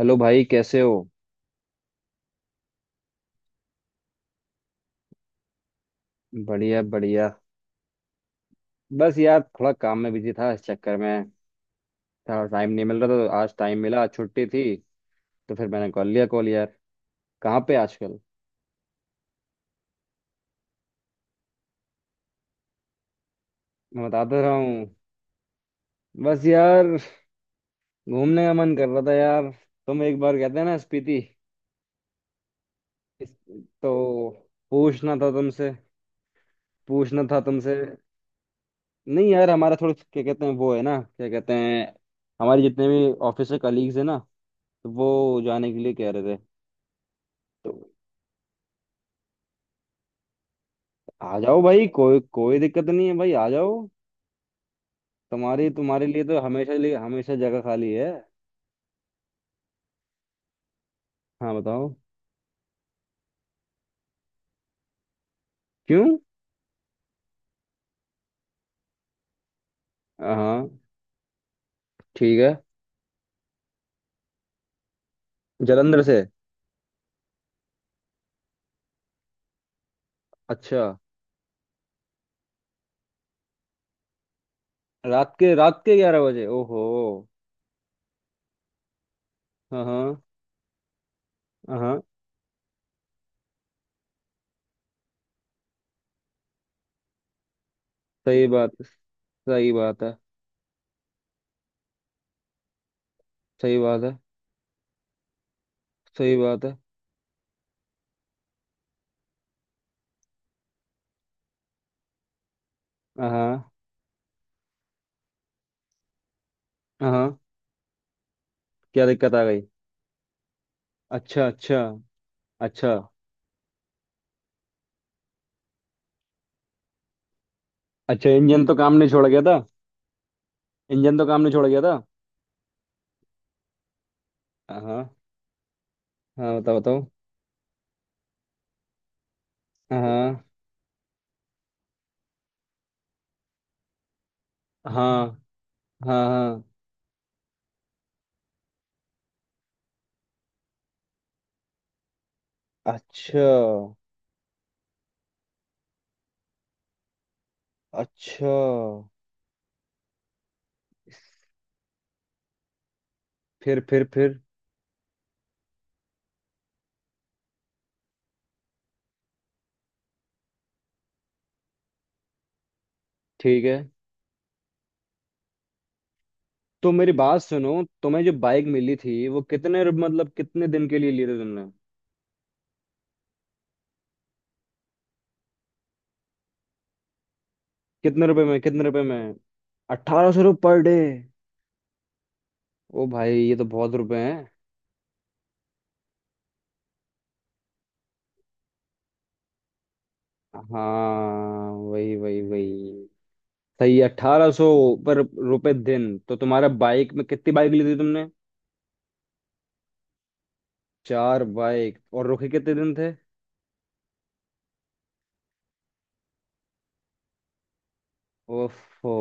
Hello भाई, कैसे हो। बढ़िया बढ़िया। बस यार, थोड़ा काम में बिजी था इस चक्कर में। थोड़ा टाइम नहीं मिल रहा था, तो आज टाइम मिला, आज छुट्टी थी। तो फिर मैंने कॉल लिया, कॉल यार। कहाँ पे आजकल? मैं बताता रहा हूँ। बस यार। घूमने का मन कर रहा था यार। तुम एक बार कहते हैं ना स्पीति। इस- तो पूछना था तुमसे, पूछना था तुमसे। नहीं यार, हमारा थोड़ा क्या कहते हैं, वो है ना, क्या कहते हैं। हमारे जितने भी ऑफिस के कलीग्स है ना, तो वो जाने के लिए कह रहे थे। तो आ जाओ भाई, कोई कोई दिक्कत नहीं है भाई, आ जाओ। तुम्हारी तुम्हारे लिए तो हमेशा लिए हमेशा जगह खाली है। हाँ बताओ। क्यों? हाँ। ठीक है। जलंधर से। अच्छा। रात के 11 बजे, ओहो। हाँ हाँ। हाँ हाँ। सही बात। सही बात है। सही बात है। सही बात है। हाँ हाँ। हाँ। क्या दिक्कत आ गई? अच्छा अच्छा। अच्छा। अच्छा, इंजन तो काम नहीं छोड़ गया था? इंजन तो काम नहीं छोड़ गया था? हाँ। हाँ बताओ बताओ। हाँ हाँ। हाँ। हाँ। अच्छा। अच्छा। फिर? फिर? फिर? ठीक है। तो मेरी बात सुनो, तुम्हें जो बाइक मिली थी वो कितने मतलब कितने दिन के लिए ली थी तुमने? कितने रुपए में, कितने रुपए में? 1800 रुपये पर डे? ओ भाई, ये तो बहुत रुपए हैं। हाँ, वही वही वही। सही, 1800 पर रुपए दिन। तो तुम्हारा बाइक में, कितनी बाइक ली थी तुमने? 4 बाइक, और रुके कितने दिन थे? ओफो।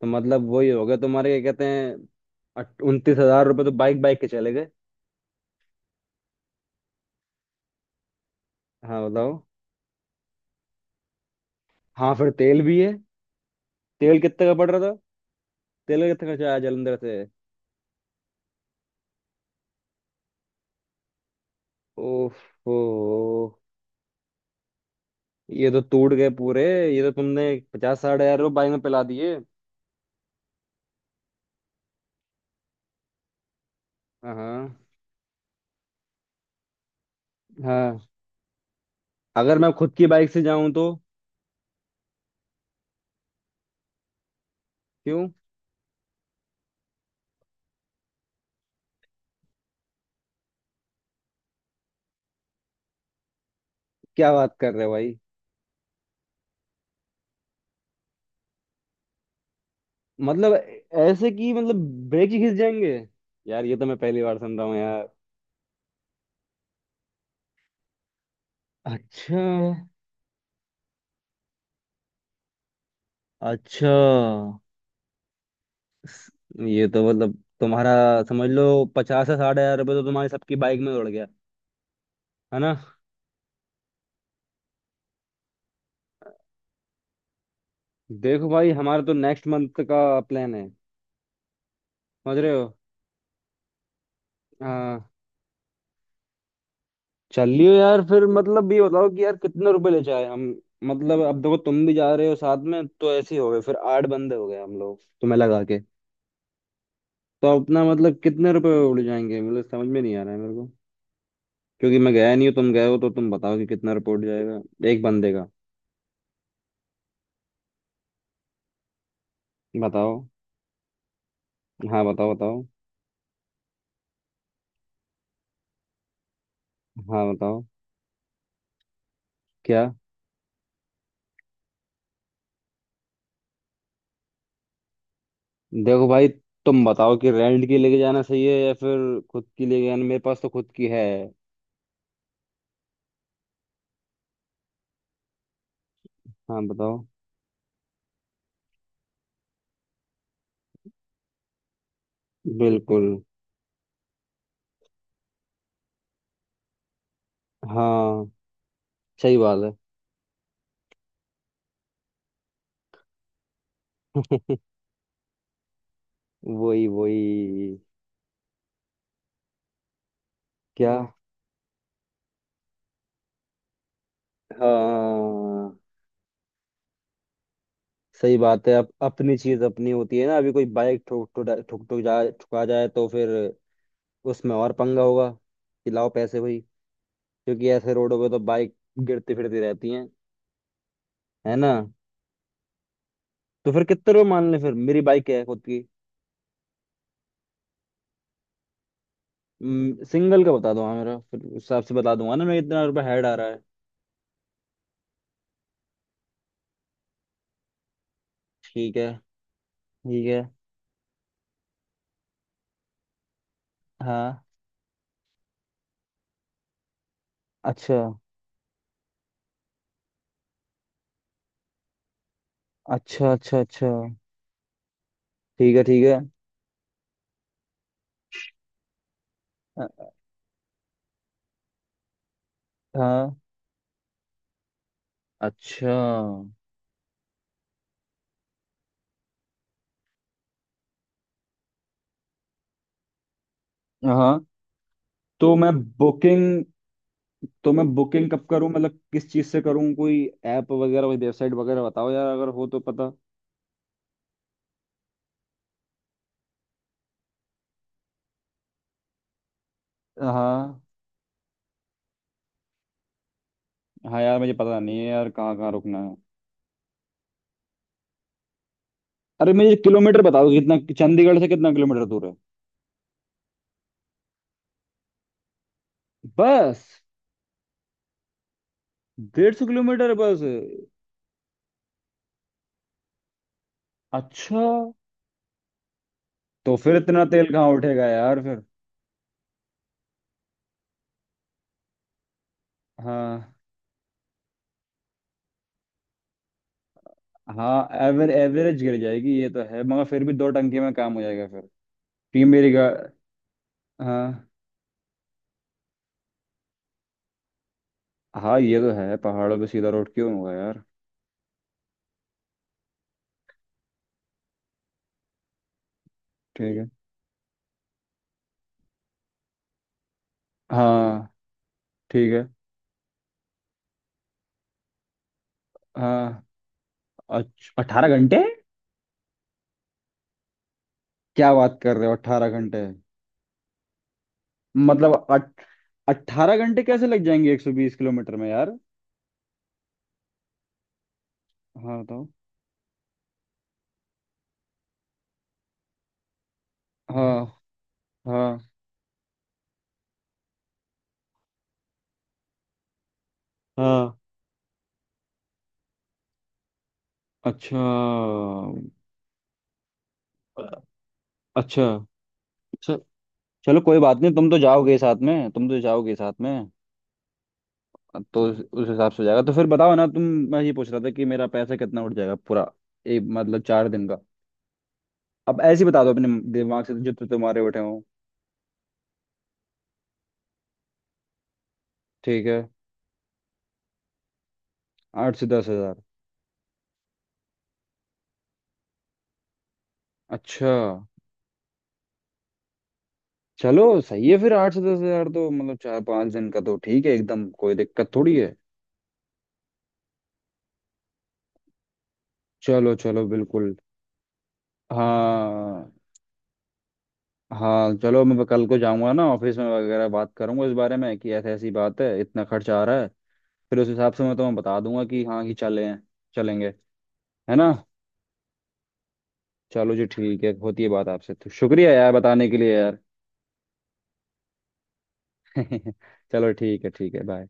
तो मतलब वही हो गया तुम्हारे, क्या कहते हैं, 29,000 रुपये तो बाइक बाइक के चले गए। हाँ बताओ। हाँ फिर तेल भी है। तेल कितने का पड़ रहा था? तेल का कितना खर्चा आया जलंधर से? ओहो। ये तो टूट गए पूरे। ये तो तुमने 50-60 हजार रुपये बाइक में पिला दिए। हाँ। हाँ। हाँ। अगर मैं खुद की बाइक से जाऊं तो? क्यों? क्या बात कर रहे हो भाई? मतलब, ऐसे कि मतलब, ब्रेक ही खींच जाएंगे? यार, ये तो मैं पहली बार सुन रहा हूँ यार। अच्छा। अच्छा। ये तो मतलब तुम्हारा, समझ लो 50 से 60 हजार रुपये तो तुम्हारी सबकी बाइक में उड़ गया, है ना? देखो भाई, हमारा तो नेक्स्ट मंथ का प्लान है। समझ रहे हो? हाँ। चल लियो यार, फिर मतलब ये बताओ कि यार कितने रुपए ले जाए हम। मतलब अब देखो, तुम भी जा रहे हो साथ में, तो ऐसे ही हो गए, फिर 8 बंदे हो गए हम लोग तुम्हें लगा के। तो अपना मतलब कितने रुपए उड़ जाएंगे, मतलब समझ में नहीं आ रहा है मेरे को। क्योंकि मैं गया नहीं हूँ, तुम गए हो, तो तुम बताओ कि कितना रुपये उड़ जाएगा एक बंदे का। बताओ। हाँ बताओ बताओ। हाँ बताओ। क्या? देखो भाई, तुम बताओ कि रेंट की लेके जाना सही है या फिर खुद की लेके जाना? मेरे पास तो खुद की है। हाँ बताओ। बिल्कुल। हाँ। सही बात है। वही वही। क्या? हाँ। सही बात है। अब अपनी चीज अपनी होती है ना, अभी कोई बाइक ठोक ठुक ठुक ठुक जा ठुका जाए तो फिर उसमें और पंगा होगा कि लाओ पैसे भाई। क्योंकि ऐसे रोडों पे तो बाइक गिरती फिरती रहती हैं, है ना? तो फिर कितने रुपये मान लें फिर, मेरी बाइक है खुद की। सिंगल का बता दो। हाँ, मेरा फिर उस हिसाब से बता दूंगा ना मैं, कितना रुपये हेड आ रहा है। ठीक है। ठीक है। हाँ। अच्छा अच्छा अच्छा। अच्छा। ठीक है ठीक है। अ- हाँ। अच्छा। हाँ। तो मैं बुकिंग तो मैं बुकिंग कब करूँ, मतलब किस चीज़ से करूँ? कोई ऐप वगैरह, कोई वेबसाइट वगैरह बताओ यार अगर हो तो पता। हाँ। हाँ यार, मुझे पता नहीं है यार कहाँ कहाँ रुकना है। अरे मुझे किलोमीटर बताओ, कितना चंडीगढ़ से कितना किलोमीटर दूर है? बस? 150 किलोमीटर बस? अच्छा। तो फिर इतना तेल कहाँ उठेगा यार फिर? हाँ। हाँ, एवरेज गिर जाएगी ये तो है, मगर फिर भी 2 टंकी में काम हो जाएगा फिर। कि मेरी गा हाँ। हाँ ये तो है, पहाड़ों पे सीधा रोड क्यों होगा यार? ठीक है। हाँ ठीक है। हाँ अच्छा, 18 घंटे? क्या बात कर रहे हो, 18 घंटे? मतलब अट 18 घंटे कैसे लग जाएंगे 120 किलोमीटर में यार? हाँ बताओ। हाँ हाँ। हाँ। अच्छा अच्छा अच्छा। चलो कोई बात नहीं, तुम तो जाओगे साथ में, तुम तो जाओगे साथ में। तो उस हिसाब से हो जाएगा, तो फिर बताओ ना तुम। मैं ये पूछ रहा था कि मेरा पैसा कितना उठ जाएगा पूरा, एक मतलब 4 दिन का। अब ऐसे ही बता दो अपने दिमाग से जितने तुम्हारे उठे हों। ठीक है। 8 से 10 हजार? अच्छा। चलो सही है फिर, 8 से 10 हजार तो मतलब 4-5 दिन का तो ठीक है, एकदम कोई दिक्कत थोड़ी है। चलो चलो बिल्कुल। हाँ। हाँ चलो, मैं कल को जाऊंगा ना ऑफिस में, वगैरह बात करूंगा इस बारे में कि ऐसी ऐसी बात है, इतना खर्च आ रहा है। फिर उस हिसाब से मैं तुम्हें बता दूंगा कि हाँ कि चले हैं, चलेंगे, है ना? चलो जी, ठीक है, होती है बात आपसे, तो शुक्रिया यार बताने के लिए यार। चलो ठीक है, ठीक है, बाय।